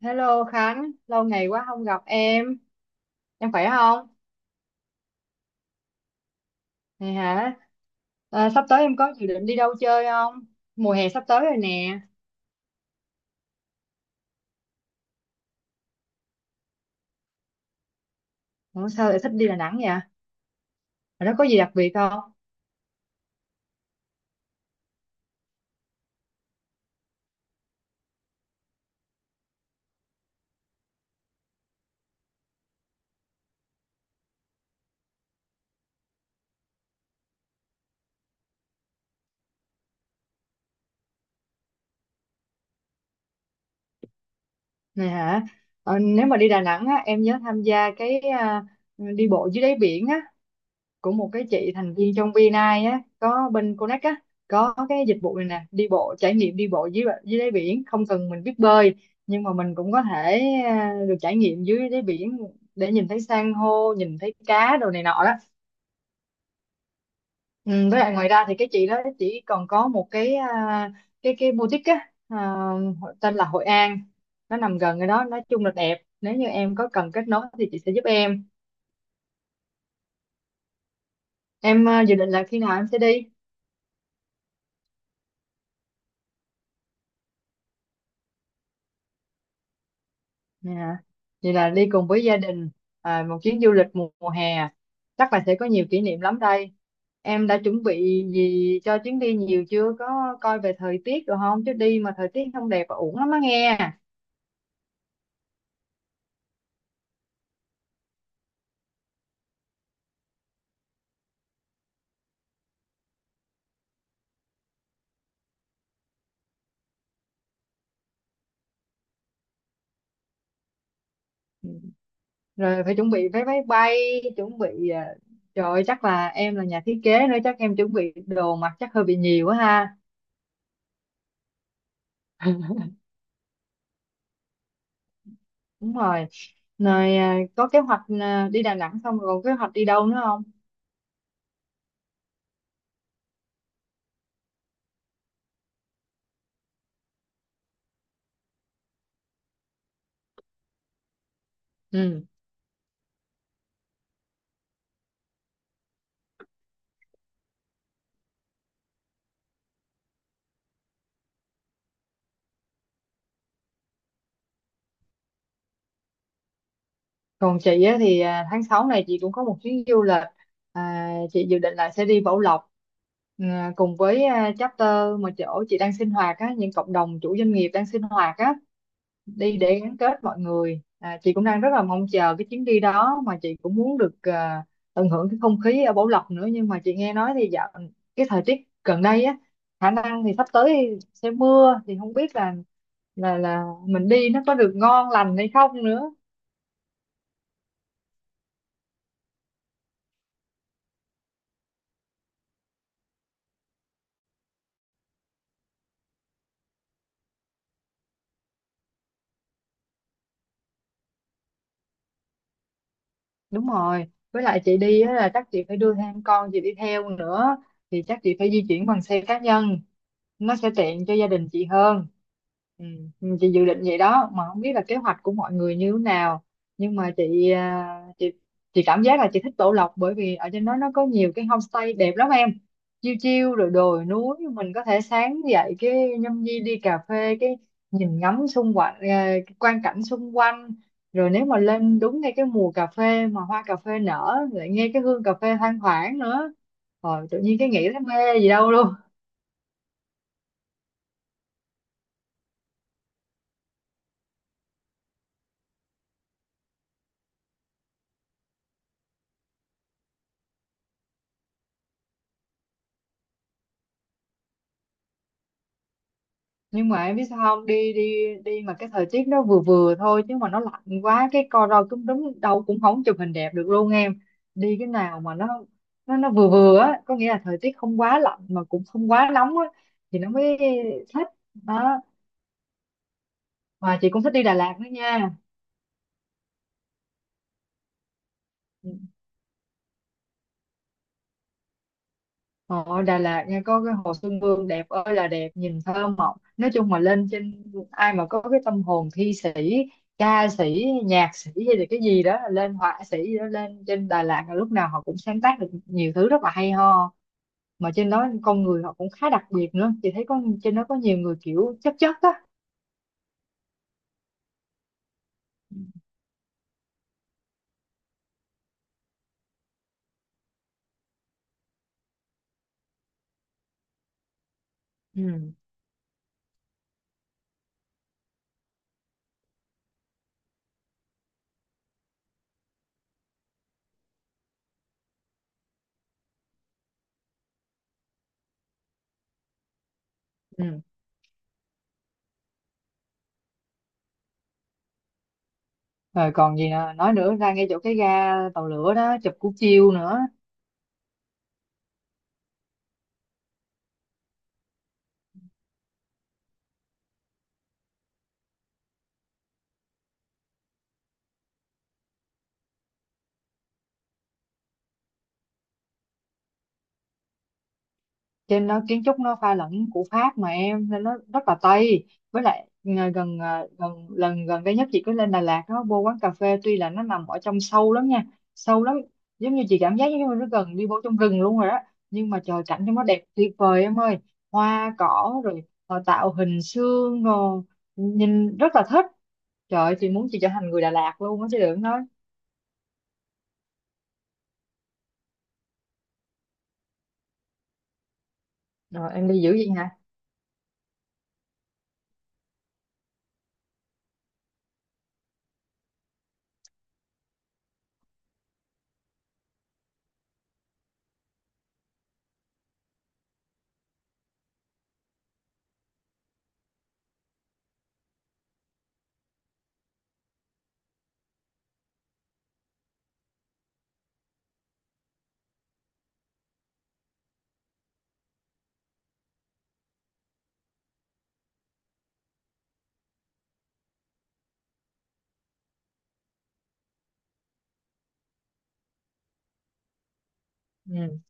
Hello Khánh, lâu ngày quá không gặp em khỏe không? Này hả? Sắp tới em có dự định đi đâu chơi không? Mùa hè sắp tới rồi nè. Ủa, sao lại thích đi Đà Nẵng vậy? Ở đó có gì đặc biệt không? Này hả? Nếu mà đi Đà Nẵng á, em nhớ tham gia cái đi bộ dưới đáy biển á, của một cái chị thành viên trong VNI á có bên Connect á, có cái dịch vụ này nè, đi bộ trải nghiệm đi bộ dưới dưới đáy biển, không cần mình biết bơi, nhưng mà mình cũng có thể được trải nghiệm dưới đáy biển để nhìn thấy san hô, nhìn thấy cá đồ này nọ đó. Ừ, với lại ngoài ra thì cái chị đó chỉ còn có một cái boutique tên là Hội An, nó nằm gần cái đó, nói chung là đẹp. Nếu như em có cần kết nối thì chị sẽ giúp em. Em dự định là khi nào em sẽ đi? Dạ. Vậy là đi cùng với gia đình, một chuyến du lịch mùa hè à? Chắc là sẽ có nhiều kỷ niệm lắm đây. Em đã chuẩn bị gì cho chuyến đi nhiều chưa? Có coi về thời tiết rồi không? Chứ đi mà thời tiết không đẹp và uổng lắm á nghe. Ừ. Rồi phải chuẩn bị vé máy bay, chuẩn bị trời ơi, chắc là em là nhà thiết kế nữa chắc em chuẩn bị đồ mặc chắc hơi bị nhiều quá ha. Đúng rồi. Rồi có kế hoạch đi Đà Nẵng xong rồi còn kế hoạch đi đâu nữa không? Ừ. Còn chị á, thì tháng 6 này chị cũng có một chuyến du lịch, chị dự định là sẽ đi Bảo Lộc, cùng với chapter mà chỗ chị đang sinh hoạt á, những cộng đồng chủ doanh nghiệp đang sinh hoạt á, đi để gắn kết mọi người. Chị cũng đang rất là mong chờ cái chuyến đi đó, mà chị cũng muốn được tận hưởng cái không khí ở Bảo Lộc nữa. Nhưng mà chị nghe nói thì dạo cái thời tiết gần đây á, khả năng thì sắp tới sẽ mưa, thì không biết là là mình đi nó có được ngon lành hay không nữa. Đúng rồi, với lại chị đi á là chắc chị phải đưa thêm con chị đi theo nữa, thì chắc chị phải di chuyển bằng xe cá nhân, nó sẽ tiện cho gia đình chị hơn. Ừ. Ừ, chị dự định vậy đó mà không biết là kế hoạch của mọi người như thế nào. Nhưng mà chị cảm giác là chị thích Tổ Lộc, bởi vì ở trên đó nó có nhiều cái homestay đẹp lắm em. Chiêu chiêu rồi đồi núi, mình có thể sáng dậy cái nhâm nhi đi cà phê, cái nhìn ngắm xung quanh, cái quang cảnh xung quanh. Rồi nếu mà lên đúng ngay cái mùa cà phê mà hoa cà phê nở, lại nghe cái hương cà phê thoang thoảng nữa, rồi tự nhiên cái nghĩ thấy mê gì đâu luôn. Nhưng mà em biết sao không, đi đi đi mà cái thời tiết nó vừa vừa thôi, chứ mà nó lạnh quá cái co ro cúm đúng đâu cũng không chụp hình đẹp được luôn em. Đi cái nào mà nó nó vừa vừa á, có nghĩa là thời tiết không quá lạnh mà cũng không quá nóng á, thì nó mới thích đó. Mà chị cũng thích đi Đà Lạt nữa nha. Họ Đà Lạt nha, có cái Hồ Xuân Hương đẹp ơi là đẹp, nhìn thơ mộng, nói chung mà lên trên, ai mà có cái tâm hồn thi sĩ, ca sĩ, nhạc sĩ hay là cái gì đó, lên họa sĩ gì đó, lên trên Đà Lạt là lúc nào họ cũng sáng tác được nhiều thứ rất là hay ho. Mà trên đó con người họ cũng khá đặc biệt nữa, chị thấy có trên đó có nhiều người kiểu chất chất á. Ừ. Ừ. Rồi còn gì nữa nói nữa, ra ngay chỗ cái ga tàu lửa đó chụp cú chiêu nữa. Trên đó kiến trúc nó pha lẫn của Pháp mà em, nên nó rất là Tây. Với lại gần gần lần gần đây nhất chị cứ lên Đà Lạt đó, vô quán cà phê, tuy là nó nằm ở trong sâu lắm nha, sâu lắm, giống như chị cảm giác giống như nó gần đi vô trong rừng luôn rồi đó. Nhưng mà trời, cảnh trong nó đẹp tuyệt vời em ơi. Hoa cỏ rồi họ tạo hình xương rồi, nhìn rất là thích. Trời ơi, chị muốn chị trở thành người Đà Lạt luôn á chứ đừng nói. Rồi em đi dữ vậy hả? Ừ.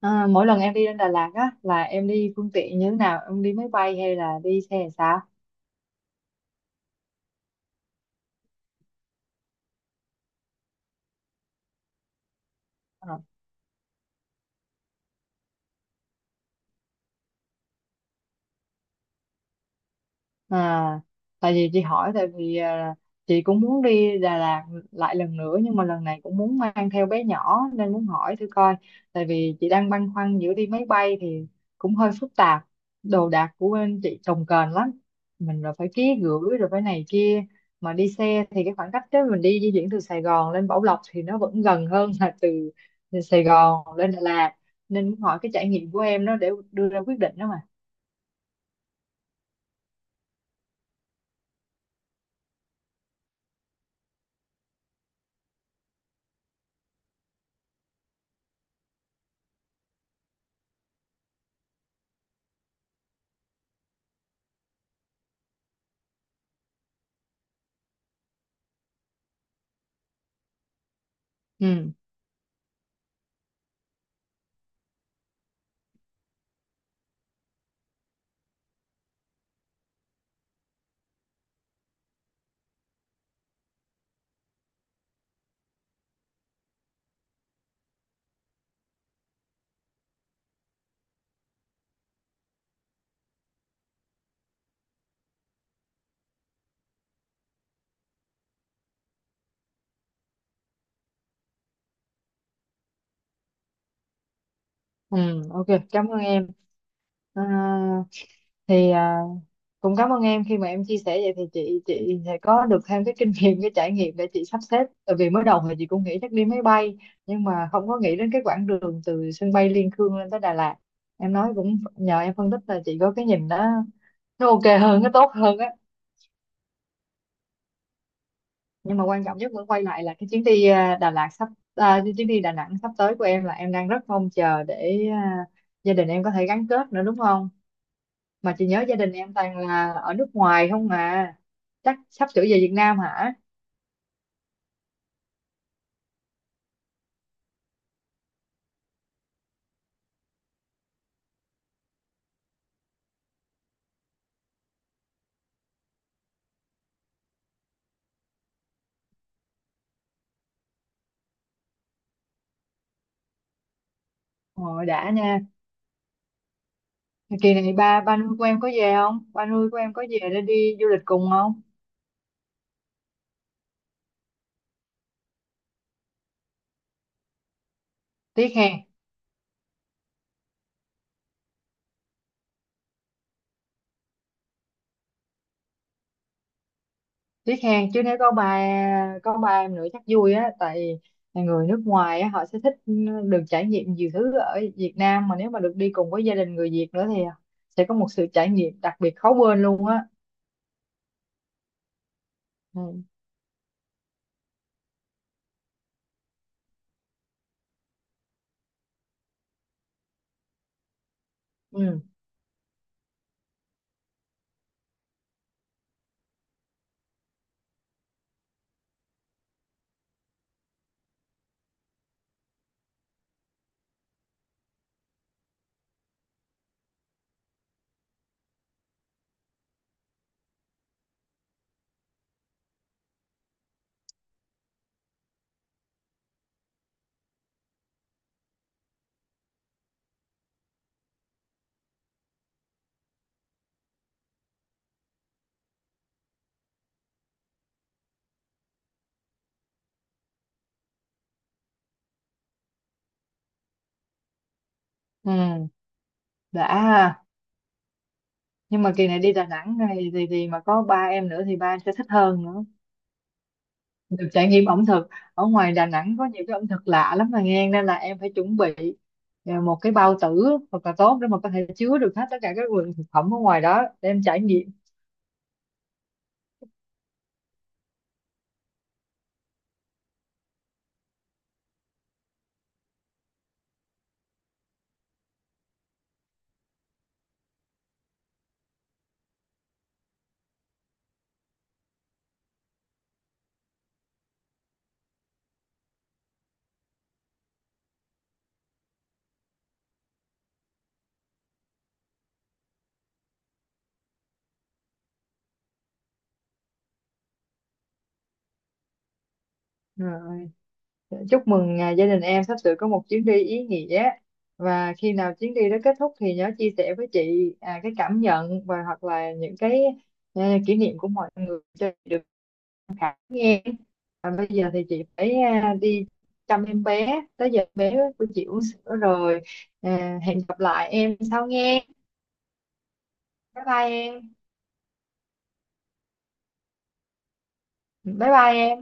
À, mỗi lần em đi lên Đà Lạt á là em đi phương tiện như thế nào? Em đi máy bay hay là đi xe hay sao? À, tại vì chị hỏi, tại vì chị cũng muốn đi Đà Lạt lại lần nữa, nhưng mà lần này cũng muốn mang theo bé nhỏ nên muốn hỏi thử coi. Tại vì chị đang băn khoăn, giữa đi máy bay thì cũng hơi phức tạp, đồ đạc của bên chị cồng kềnh lắm, mình rồi phải ký gửi rồi phải này kia, mà đi xe thì cái khoảng cách đó mình đi di chuyển từ Sài Gòn lên Bảo Lộc thì nó vẫn gần hơn là từ Sài Gòn lên Đà Lạt, nên muốn hỏi cái trải nghiệm của em đó để đưa ra quyết định đó mà. Ừ. Ừ, ok, cảm ơn em. À, thì cũng cảm ơn em, khi mà em chia sẻ vậy thì chị sẽ có được thêm cái kinh nghiệm, cái trải nghiệm để chị sắp xếp. Tại vì mới đầu thì chị cũng nghĩ chắc đi máy bay, nhưng mà không có nghĩ đến cái quãng đường từ sân bay Liên Khương lên tới Đà Lạt. Em nói cũng nhờ em phân tích là chị có cái nhìn đó, nó ok hơn, nó tốt hơn á. Nhưng mà quan trọng nhất vẫn quay lại là cái chuyến đi à, Đà Lạt sắp à, cái chuyến đi Đà Nẵng sắp tới của em, là em đang rất mong chờ để gia đình em có thể gắn kết nữa đúng không. Mà chị nhớ gia đình em toàn là ở nước ngoài không à, chắc sắp sửa về Việt Nam hả. Rồi đã nha. Kỳ này ba ba nuôi của em có về không, ba nuôi của em có về để đi du lịch cùng không? Tiếc hèn. Tiếc hèn chứ, nếu có ba em nữa chắc vui á. Tại người nước ngoài á họ sẽ thích được trải nghiệm nhiều thứ ở Việt Nam, mà nếu mà được đi cùng với gia đình người Việt nữa thì sẽ có một sự trải nghiệm đặc biệt khó quên luôn á. Ừ. Ừ. Ừ. Đã ha. Nhưng mà kỳ này đi Đà Nẵng này thì mà có ba em nữa thì ba em sẽ thích hơn nữa, được trải nghiệm ẩm thực. Ở ngoài Đà Nẵng có nhiều cái ẩm thực lạ lắm mà nghe, nên là em phải chuẩn bị một cái bao tử thật là tốt để mà có thể chứa được hết tất cả các nguồn thực phẩm ở ngoài đó để em trải nghiệm. Rồi. Chúc mừng gia đình em sắp sửa có một chuyến đi ý nghĩa. Và khi nào chuyến đi đó kết thúc thì nhớ chia sẻ với chị cái cảm nhận, và hoặc là những ờ, kỷ niệm của mọi người cho chị được tham khảo nghe. Và bây giờ thì chị phải đi chăm em bé, tới giờ bé của chị uống sữa rồi. À, hẹn gặp lại em sau nghe. Bye bye em. Bye bye em.